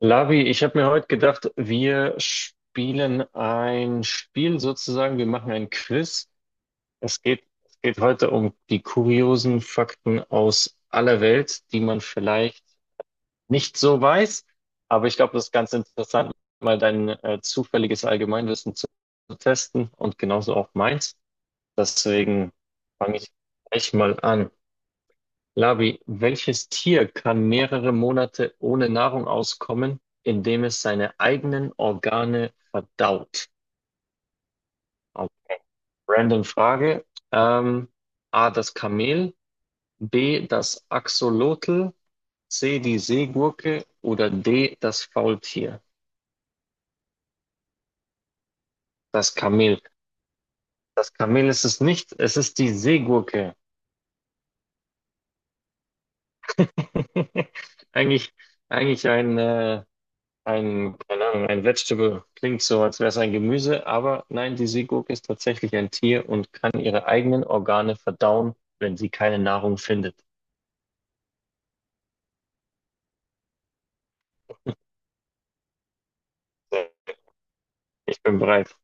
Lavi, ich habe mir heute gedacht, wir spielen ein Spiel sozusagen, wir machen ein Quiz. Es geht heute um die kuriosen Fakten aus aller Welt, die man vielleicht nicht so weiß, aber ich glaube, das ist ganz interessant, mal dein zufälliges Allgemeinwissen zu testen und genauso auch meins. Deswegen fange ich gleich mal an. Labi, welches Tier kann mehrere Monate ohne Nahrung auskommen, indem es seine eigenen Organe verdaut? Also, random Frage. Ähm, A, das Kamel, B, das Axolotl, C, die Seegurke oder D, das Faultier? Das Kamel. Das Kamel ist es nicht, es ist die Seegurke. Eigentlich, eigentlich ein keine Ahnung, ein Vegetable klingt so, als wäre es ein Gemüse, aber nein, die Seegurke ist tatsächlich ein Tier und kann ihre eigenen Organe verdauen, wenn sie keine Nahrung findet. So, ich bin bereit.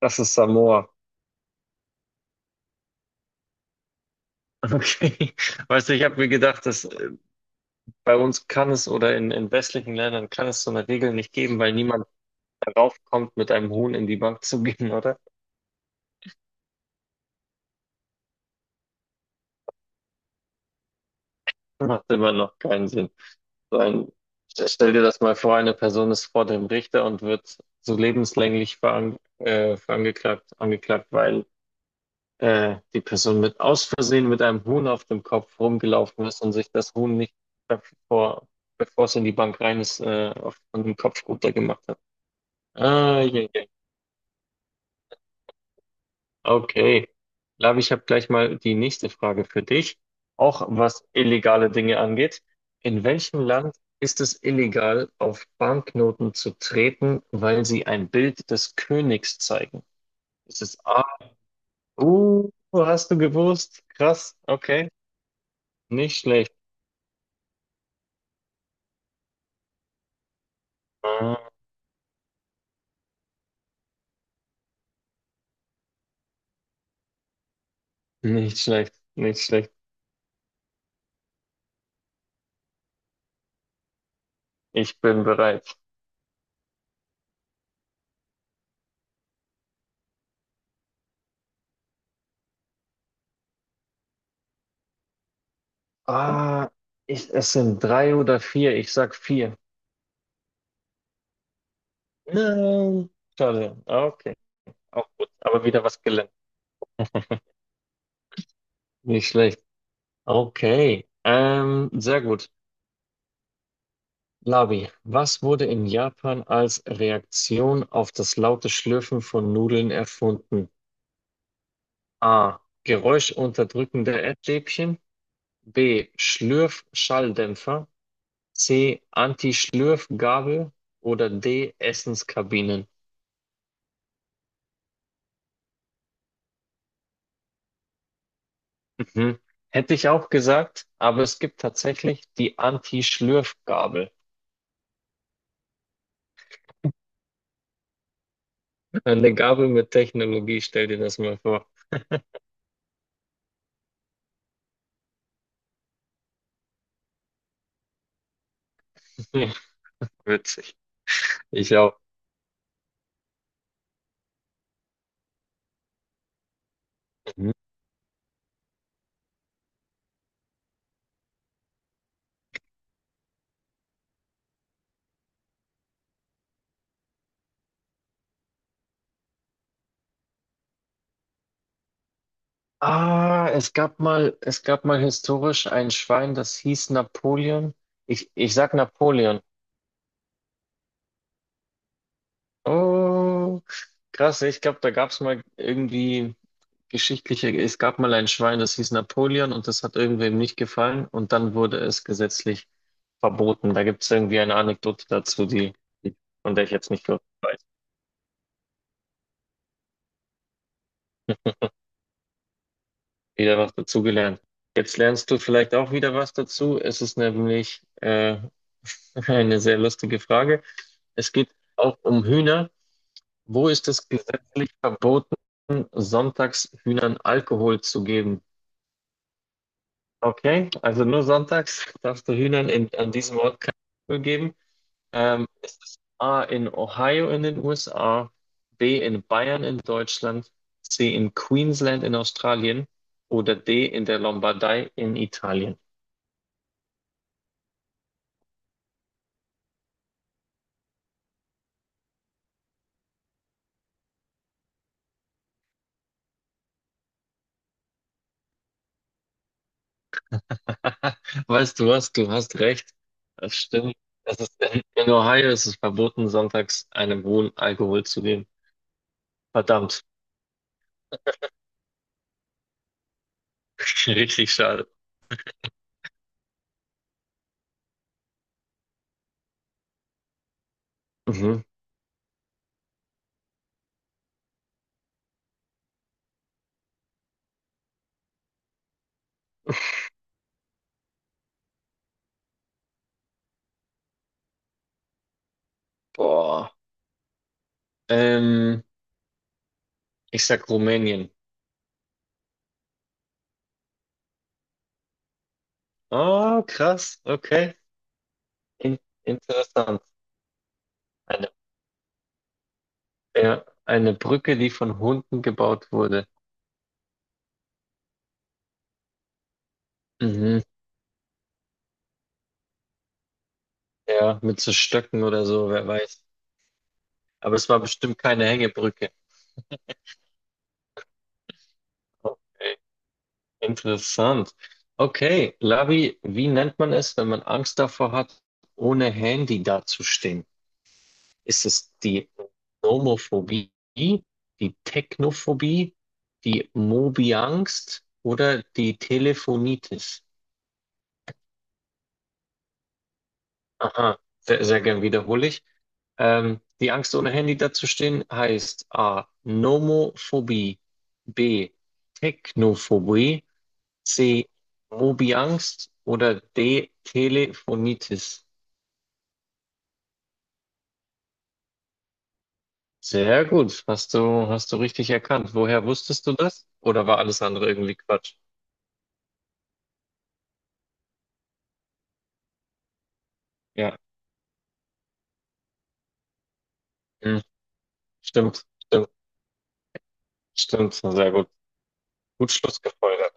Das ist Samoa. Okay. Weißt du, ich habe mir gedacht, dass bei uns kann es oder in westlichen Ländern kann es so eine Regel nicht geben, weil niemand darauf kommt, mit einem Huhn in die Bank zu gehen, oder? Macht immer noch keinen Sinn. So ein, stell dir das mal vor, eine Person ist vor dem Richter und wird so lebenslänglich angeklagt, weil die Person mit aus Versehen mit einem Huhn auf dem Kopf rumgelaufen ist und sich das Huhn nicht bevor, bevor es in die Bank rein ist, von dem Kopf runter gemacht hat. Ah, je. Okay. Lavi, ich habe gleich mal die nächste Frage für dich, auch was illegale Dinge angeht. In welchem Land ist es illegal, auf Banknoten zu treten, weil sie ein Bild des Königs zeigen? Ist es A? Hast du gewusst? Krass, okay. Nicht schlecht. Ah, nicht schlecht, nicht schlecht. Ich bin bereit. Ah, es sind drei oder vier. Ich sag vier. Nein. Schade. Ah, okay, auch gut. Aber wieder was gelernt. Nicht schlecht. Okay. Sehr gut. Labi, was wurde in Japan als Reaktion auf das laute Schlürfen von Nudeln erfunden? A. Geräuschunterdrückende Essstäbchen. B. Schlürfschalldämpfer. C. Anti-Schlürfgabel. Oder D. Essenskabinen. Mhm. Hätte ich auch gesagt, aber es gibt tatsächlich die Anti-Schlürfgabel. Eine Gabel mit Technologie, stell dir das mal vor. Witzig. Ich auch. Ah, es gab mal historisch ein Schwein, das hieß Napoleon. Ich sag Napoleon. Oh, krass. Ich glaube, da gab es mal irgendwie geschichtliche, es gab mal ein Schwein, das hieß Napoleon und das hat irgendwem nicht gefallen und dann wurde es gesetzlich verboten. Da gibt es irgendwie eine Anekdote dazu, die- von der ich jetzt nicht wirklich weiß. Wieder was dazu gelernt. Jetzt lernst du vielleicht auch wieder was dazu. Es ist nämlich eine sehr lustige Frage. Es geht auch um Hühner. Wo ist es gesetzlich verboten, sonntags Hühnern Alkohol zu geben? Okay, also nur sonntags darfst du Hühnern an diesem Ort kein Alkohol geben. Es ist A in Ohio in den USA, B in Bayern in Deutschland, C in Queensland in Australien oder D in der Lombardei in Italien? Weißt du was, du hast recht. Das stimmt. Das ist in Ohio ist es verboten, sonntags einem hohen Alkohol zu geben. Verdammt, richtig schade. Mhm. Boah. Ähm, Ich sag Rumänien. Oh, krass. Okay. In interessant. Eine, ja, eine Brücke, die von Hunden gebaut wurde. Mhm. Ja, mit so Stöcken oder so, wer weiß. Aber es war bestimmt keine Hängebrücke. Okay. Interessant. Okay, Lavi, wie nennt man es, wenn man Angst davor hat, ohne Handy dazustehen? Ist es die Nomophobie, die Technophobie, die Mobiangst oder die Telefonitis? Aha, sehr, sehr gern wiederhole ich. Die Angst, ohne Handy dazustehen, heißt A. Nomophobie, B. Technophobie, C. Mobiangst oder D. Telefonitis. Sehr gut, hast du richtig erkannt. Woher wusstest du das? Oder war alles andere irgendwie Quatsch? Ja. Hm. Stimmt, stimmt, stimmt. Sehr gut. Gut schlussgefolgert.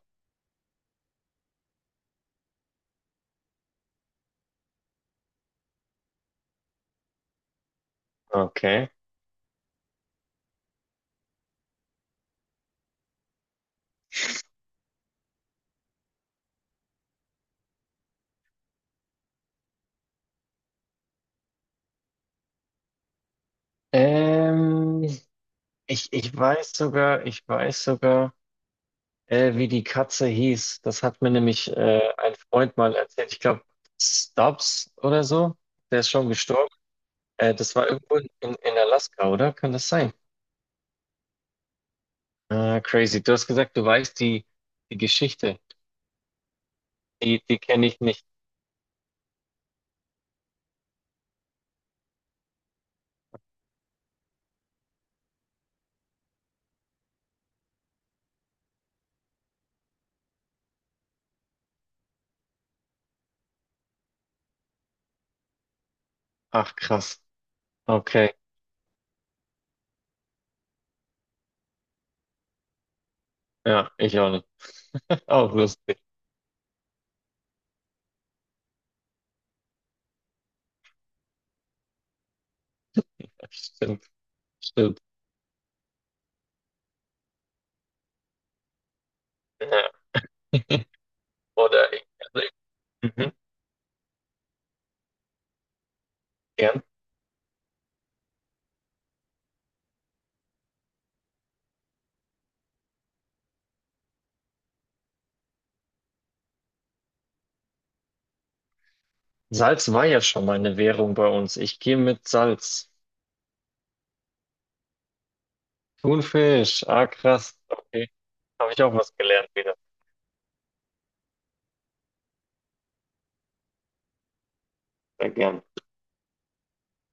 Okay. Ähm, ich weiß sogar, wie die Katze hieß. Das hat mir nämlich ein Freund mal erzählt. Ich glaube, Stubbs oder so. Der ist schon gestorben. Das war irgendwo in Alaska, oder? Kann das sein? Ah, crazy. Du hast gesagt, du weißt die Geschichte. Die kenne ich nicht. Ach, krass. Okay. Ja, ich auch nicht. Auch lustig. Stimmt, stimmt. Ja. Oder also, mhm, gern. Salz war ja schon mal eine Währung bei uns. Ich gehe mit Salz. Thunfisch. Ah, krass. Okay. Habe ich auch was gelernt wieder. Sehr gern.